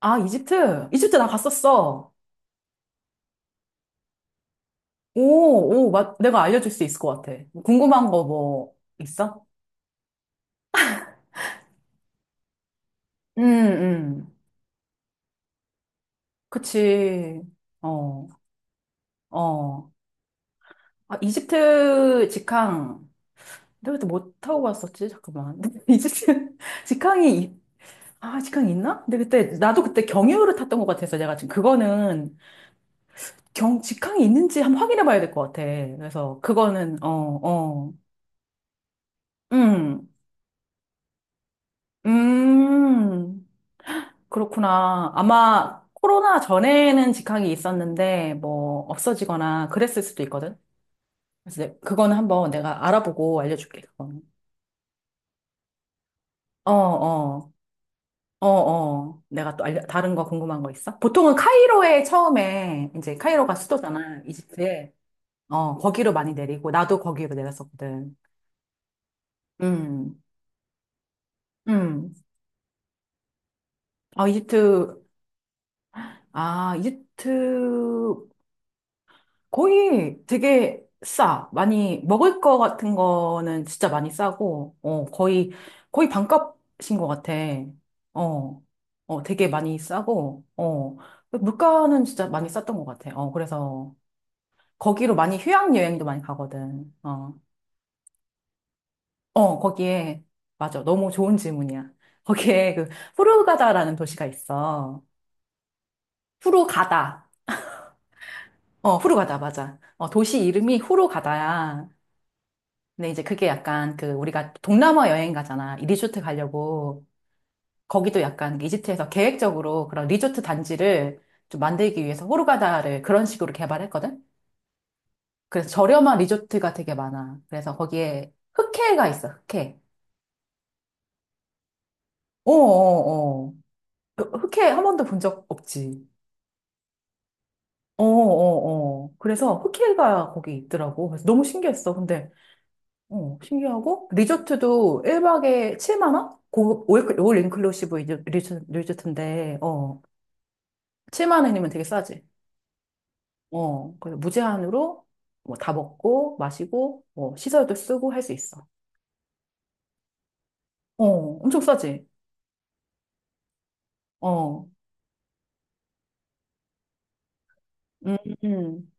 아, 이집트? 이집트 나 갔었어. 오, 오, 내가 알려줄 수 있을 것 같아. 뭐 궁금한 거 뭐, 있어? 음, 음. 그치. 어, 어. 아, 이집트 직항. 내가 그때 뭐 타고 갔었지? 잠깐만. 이집트 직항이, 아, 직항이 있나? 근데 그때, 나도 그때 경유를 탔던 것 같아서 내가 지금 그거는 직항이 있는지 한번 확인해 봐야 될 것 같아. 그래서 그거는, 어, 어. 음, 음. 그렇구나. 아마 코로나 전에는 직항이 있었는데 뭐 없어지거나 그랬을 수도 있거든. 그래서 그거는 한번 내가 알아보고 알려줄게. 그거는. 어, 어, 어, 어. 내가 또 다른 거 궁금한 거 있어? 보통은 카이로에 처음에 이제 카이로가 수도잖아. 이집트에. 어, 거기로 많이 내리고 나도 거기로 내렸었거든. 음, 음. 아, 이집트. 아, 이집트 거의 되게 싸. 많이, 먹을 거 같은 거는 진짜 많이 싸고, 어, 거의, 거의 반값인 것 같아. 어, 어, 되게 많이 싸고, 어, 물가는 진짜 많이 쌌던 것 같아. 어, 그래서 거기로 많이 휴양여행도 많이 가거든. 어, 어, 거기에, 맞아. 너무 좋은 질문이야. 거기에 그, 후르가다라는 도시가 있어. 후르가다. 어, 후르가다, 맞아. 어, 도시 이름이 후르가다야. 근데 이제 그게 약간 그 우리가 동남아 여행 가잖아. 이 리조트 가려고 거기도 약간 이집트에서 계획적으로 그런 리조트 단지를 좀 만들기 위해서 호르가다를 그런 식으로 개발했거든. 그래서 저렴한 리조트가 되게 많아. 그래서 거기에 흑해가 있어. 흑해. 어어어. 흑해 한 번도 본 적 없지. 어어어. 그래서 흑해가 거기 있더라고. 그래서 너무 신기했어. 근데 어, 신기하고 리조트도 1박에 7만 원? 고급 올 인클루시브 리조트인데 어, 7만 원이면 되게 싸지. 어, 그래서 무제한으로 뭐 다 먹고 마시고 뭐 시설도 쓰고 할 수 있어. 어, 엄청 싸지. 어. 음. 음.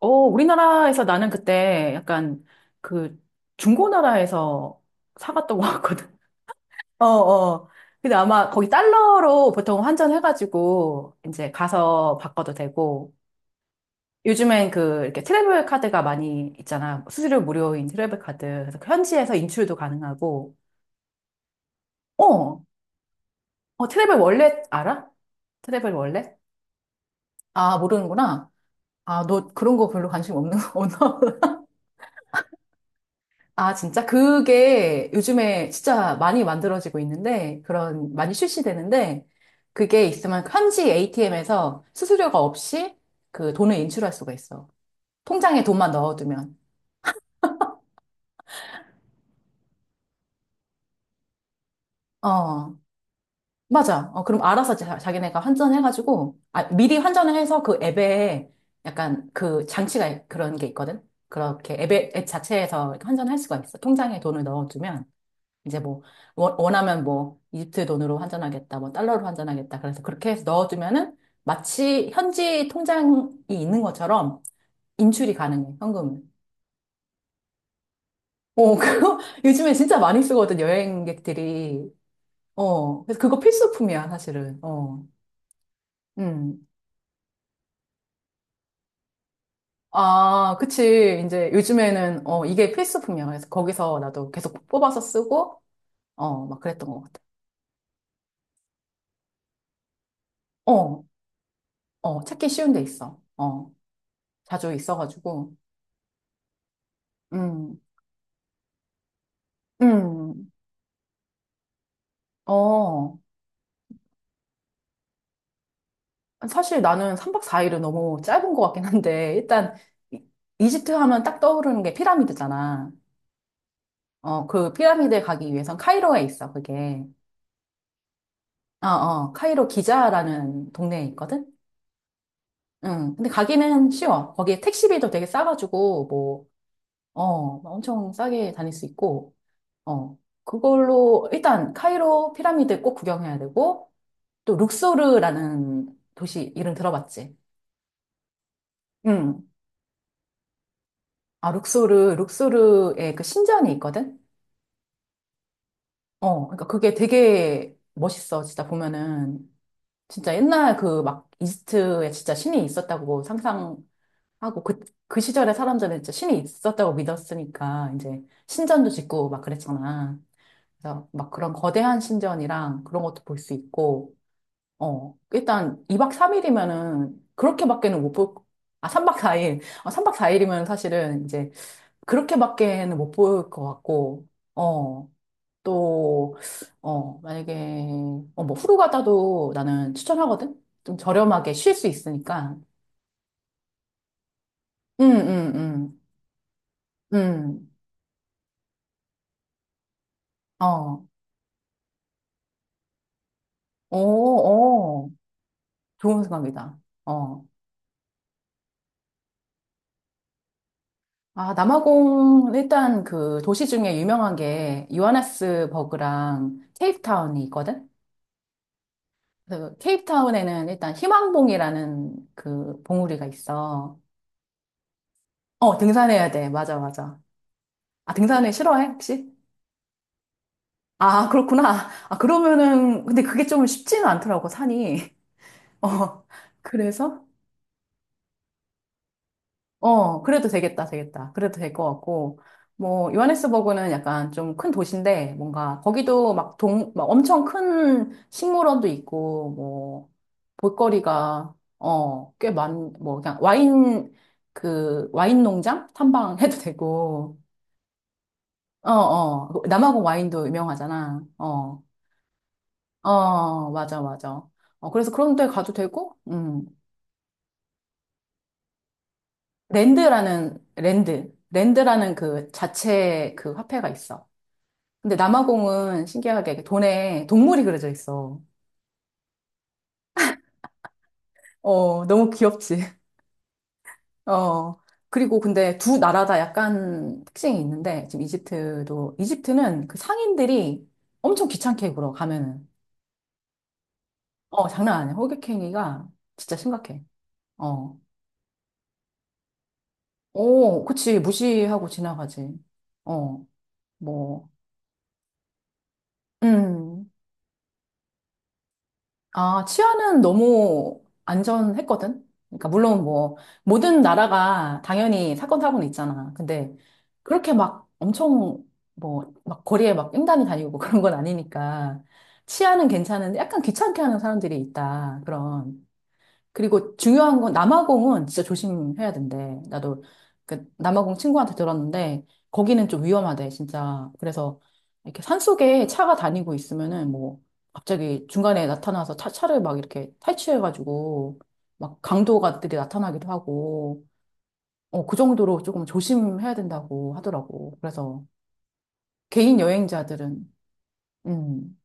어, 우리나라에서 나는 그때 약간 그 중고나라에서 사갔던 것 같거든. 어, 어. 근데 아마 거기 달러로 보통 환전해가지고 이제 가서 바꿔도 되고 요즘엔 그 이렇게 트래블 카드가 많이 있잖아. 수수료 무료인 트래블 카드. 그래서 그 현지에서 인출도 가능하고. 어, 어, 트래블 월렛 알아? 트래블 월렛? 아, 모르는구나. 아, 너 그런 거 별로 관심 없는 거구나. 아, 진짜? 그게 요즘에 진짜 많이 만들어지고 있는데, 그런, 많이 출시되는데, 그게 있으면 현지 ATM에서 수수료가 없이 그 돈을 인출할 수가 있어. 통장에 돈만 넣어두면. 어. 맞아. 어, 그럼 알아서 자기네가 환전해가지고, 아, 미리 환전을 해서 그 앱에 약간 그 장치가 그런 게 있거든? 그렇게 앱에, 앱 자체에서 이렇게 환전할 수가 있어. 통장에 돈을 넣어주면, 이제 뭐, 원하면 뭐, 이집트 돈으로 환전하겠다, 뭐, 달러로 환전하겠다. 그래서 그렇게 해서 넣어주면은 마치 현지 통장이 있는 것처럼 인출이 가능해, 현금을. 어, 그거 요즘에 진짜 많이 쓰거든, 여행객들이. 어, 그래서 그거 필수품이야, 사실은. 어. 음. 아, 그치. 이제 요즘에는, 어, 이게 필수품이야. 그래서 거기서 나도 계속 뽑아서 쓰고, 어, 막 그랬던 것 같아. 어, 어, 찾기 쉬운 데 있어. 어, 자주 있어가지고. 음, 음, 어. 사실 나는 3박 4일은 너무 짧은 것 같긴 한데, 일단, 이- 이집트 하면 딱 떠오르는 게 피라미드잖아. 어, 그 피라미드에 가기 위해선 카이로에 있어, 그게. 어, 어, 카이로 기자라는 동네에 있거든? 응. 근데 가기는 쉬워. 거기에 택시비도 되게 싸가지고, 뭐, 어, 엄청 싸게 다닐 수 있고, 어. 그걸로, 일단, 카이로 피라미드 꼭 구경해야 되고, 또, 룩소르라는 도시 이름 들어봤지? 응. 아, 룩소르, 룩소르에 그 신전이 있거든? 어. 그러니까 그게 되게 멋있어. 진짜 보면은. 진짜 옛날 그 막 이집트에 진짜 신이 있었다고 상상, 하고 그, 그 시절에 사람들은 진짜 신이 있었다고 믿었으니까 이제 신전도 짓고 막 그랬잖아. 그래서 막 그런 거대한 신전이랑 그런 것도 볼 수 있고, 어, 일단 2박 3일이면은 그렇게밖에는 못 볼, 아, 3박 4일. 어, 3박 4일이면 사실은 이제 그렇게밖에는 못 볼 것 같고, 어, 또, 어, 만약에, 어, 뭐 후루가다도 나는 추천하거든? 좀 저렴하게 쉴 수 있으니까. 응, 응, 응, 응. 어. 어, 어, 좋은 생각이다. 어. 아, 남아공, 일단 그 도시 중에 유명한 게 요하네스버그랑 케이프타운이 있거든? 그 케이프타운에는 일단 희망봉이라는 그 봉우리가 있어. 어, 등산해야 돼. 맞아, 맞아. 아, 등산을 싫어해, 혹시? 아, 그렇구나. 아, 그러면은, 근데 그게 좀 쉽지는 않더라고, 산이. 어, 그래서? 어, 그래도 되겠다, 되겠다. 그래도 될 것 같고. 뭐, 요하네스버그는 약간 좀 큰 도시인데, 뭔가, 거기도 막 막 엄청 큰 식물원도 있고, 뭐, 볼거리가, 어, 꽤 많, 뭐, 그냥 와인, 그, 와인 농장? 탐방해도 되고, 어, 어. 남아공 와인도 유명하잖아. 어, 어, 맞아, 맞아. 어, 그래서 그런 데 가도 되고, 랜드라는, 랜드. 랜드라는 그 자체 그 화폐가 있어. 근데 남아공은 신기하게 그 돈에 동물이 그려져 있어. 어, 너무 귀엽지. 어. 그리고 근데 두 나라 다 약간 특징이 있는데, 지금 이집트도, 이집트는 그 상인들이 엄청 귀찮게 굴어, 가면은. 어, 장난 아니야. 호객행위가 진짜 심각해. 어. 오, 그치. 무시하고 지나가지. 어, 뭐. 음. 아, 치안은 너무 안전했거든? 그러니까, 물론 뭐, 모든 나라가 당연히 사건, 사고는 있잖아. 근데, 그렇게 막 엄청, 뭐, 막 거리에 막 횡단이 다니고 그런 건 아니니까, 치안은 괜찮은데, 약간 귀찮게 하는 사람들이 있다. 그런. 그리고 중요한 건 남아공은 진짜 조심해야 된대. 나도 그 남아공 친구한테 들었는데 거기는 좀 위험하대, 진짜. 그래서 이렇게 산속에 차가 다니고 있으면은 뭐 갑자기 중간에 나타나서 차를 막 이렇게 탈취해가지고 막 강도가들이 나타나기도 하고 어, 그 정도로 조금 조심해야 된다고 하더라고. 그래서 개인 여행자들은 음,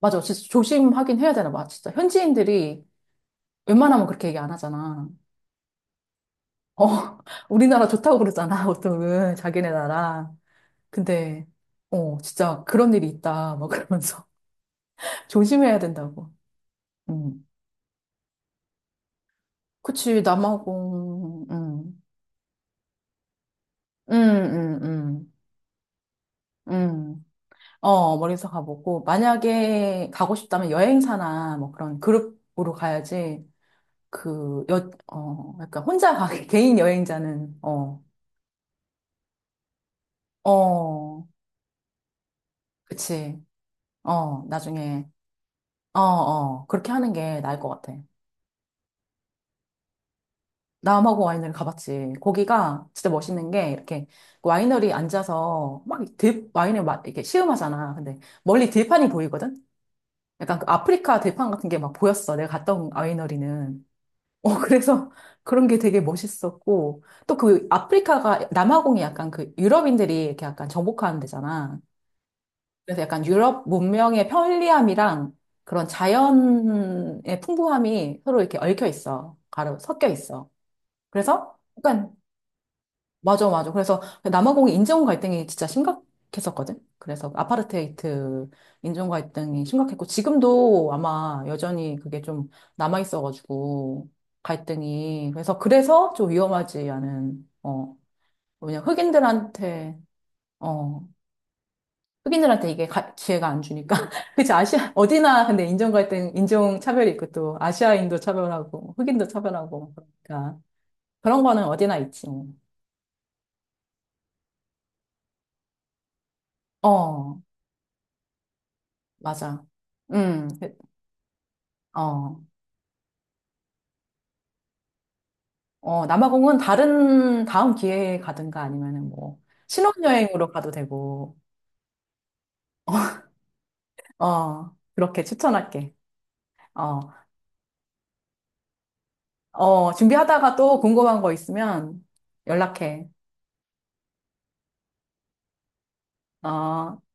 맞아. 진짜 조심하긴 해야 되나 봐. 진짜 현지인들이 웬만하면 그렇게 얘기 안 하잖아. 어, 우리나라 좋다고 그러잖아, 보통은. 자기네 나라. 근데, 어, 진짜 그런 일이 있다. 막 그러면서. 조심해야 된다고. 음. 그치, 남아공, 음, 음, 음. 음. 어, 멀리서 가보고. 만약에 가고 싶다면 여행사나 뭐 그런 그룹으로 가야지. 어, 약간 혼자 가, 개인 여행자는, 어, 어, 그치. 어, 나중에, 어, 어, 그렇게 하는 게 나을 것 같아. 남아공 와이너리 가봤지. 거기가 진짜 멋있는 게 이렇게 와이너리 앉아서 막 와인을 막 이렇게 시음하잖아. 근데 멀리 들판이 보이거든? 약간 그 아프리카 들판 같은 게 막 보였어. 내가 갔다 온 와이너리는. 어, 그래서 그런 게 되게 멋있었고. 또 그 아프리카가, 남아공이 약간 그 유럽인들이 이렇게 약간 정복하는 데잖아. 그래서 약간 유럽 문명의 편리함이랑 그런 자연의 풍부함이 서로 이렇게 얽혀 있어. 가로 섞여 있어. 그래서 약간 맞아, 맞아. 그래서 남아공이 인종 갈등이 진짜 심각했었거든. 그래서 아파르테이트 인종 갈등이 심각했고, 지금도 아마 여전히 그게 좀 남아있어가지고, 갈등이. 그래서, 그래서 좀 위험하지 않은, 어, 뭐냐, 흑인들한테, 어, 흑인들한테 이게 기회가 안 주니까. 그치, 아시아, 어디나 근데 인종 갈등, 인종 차별이 있고, 또 아시아인도 차별하고, 흑인도 차별하고, 그러니까. 그런 거는 어디나 있지. 뭐. 어, 맞아. 음. 어, 어, 남아공은 다른, 다음 기회에 가든가 아니면은 뭐, 신혼여행으로 가도 되고, 어, 그렇게 추천할게. 어, 어, 준비하다가 또 궁금한 거 있으면 연락해. 어.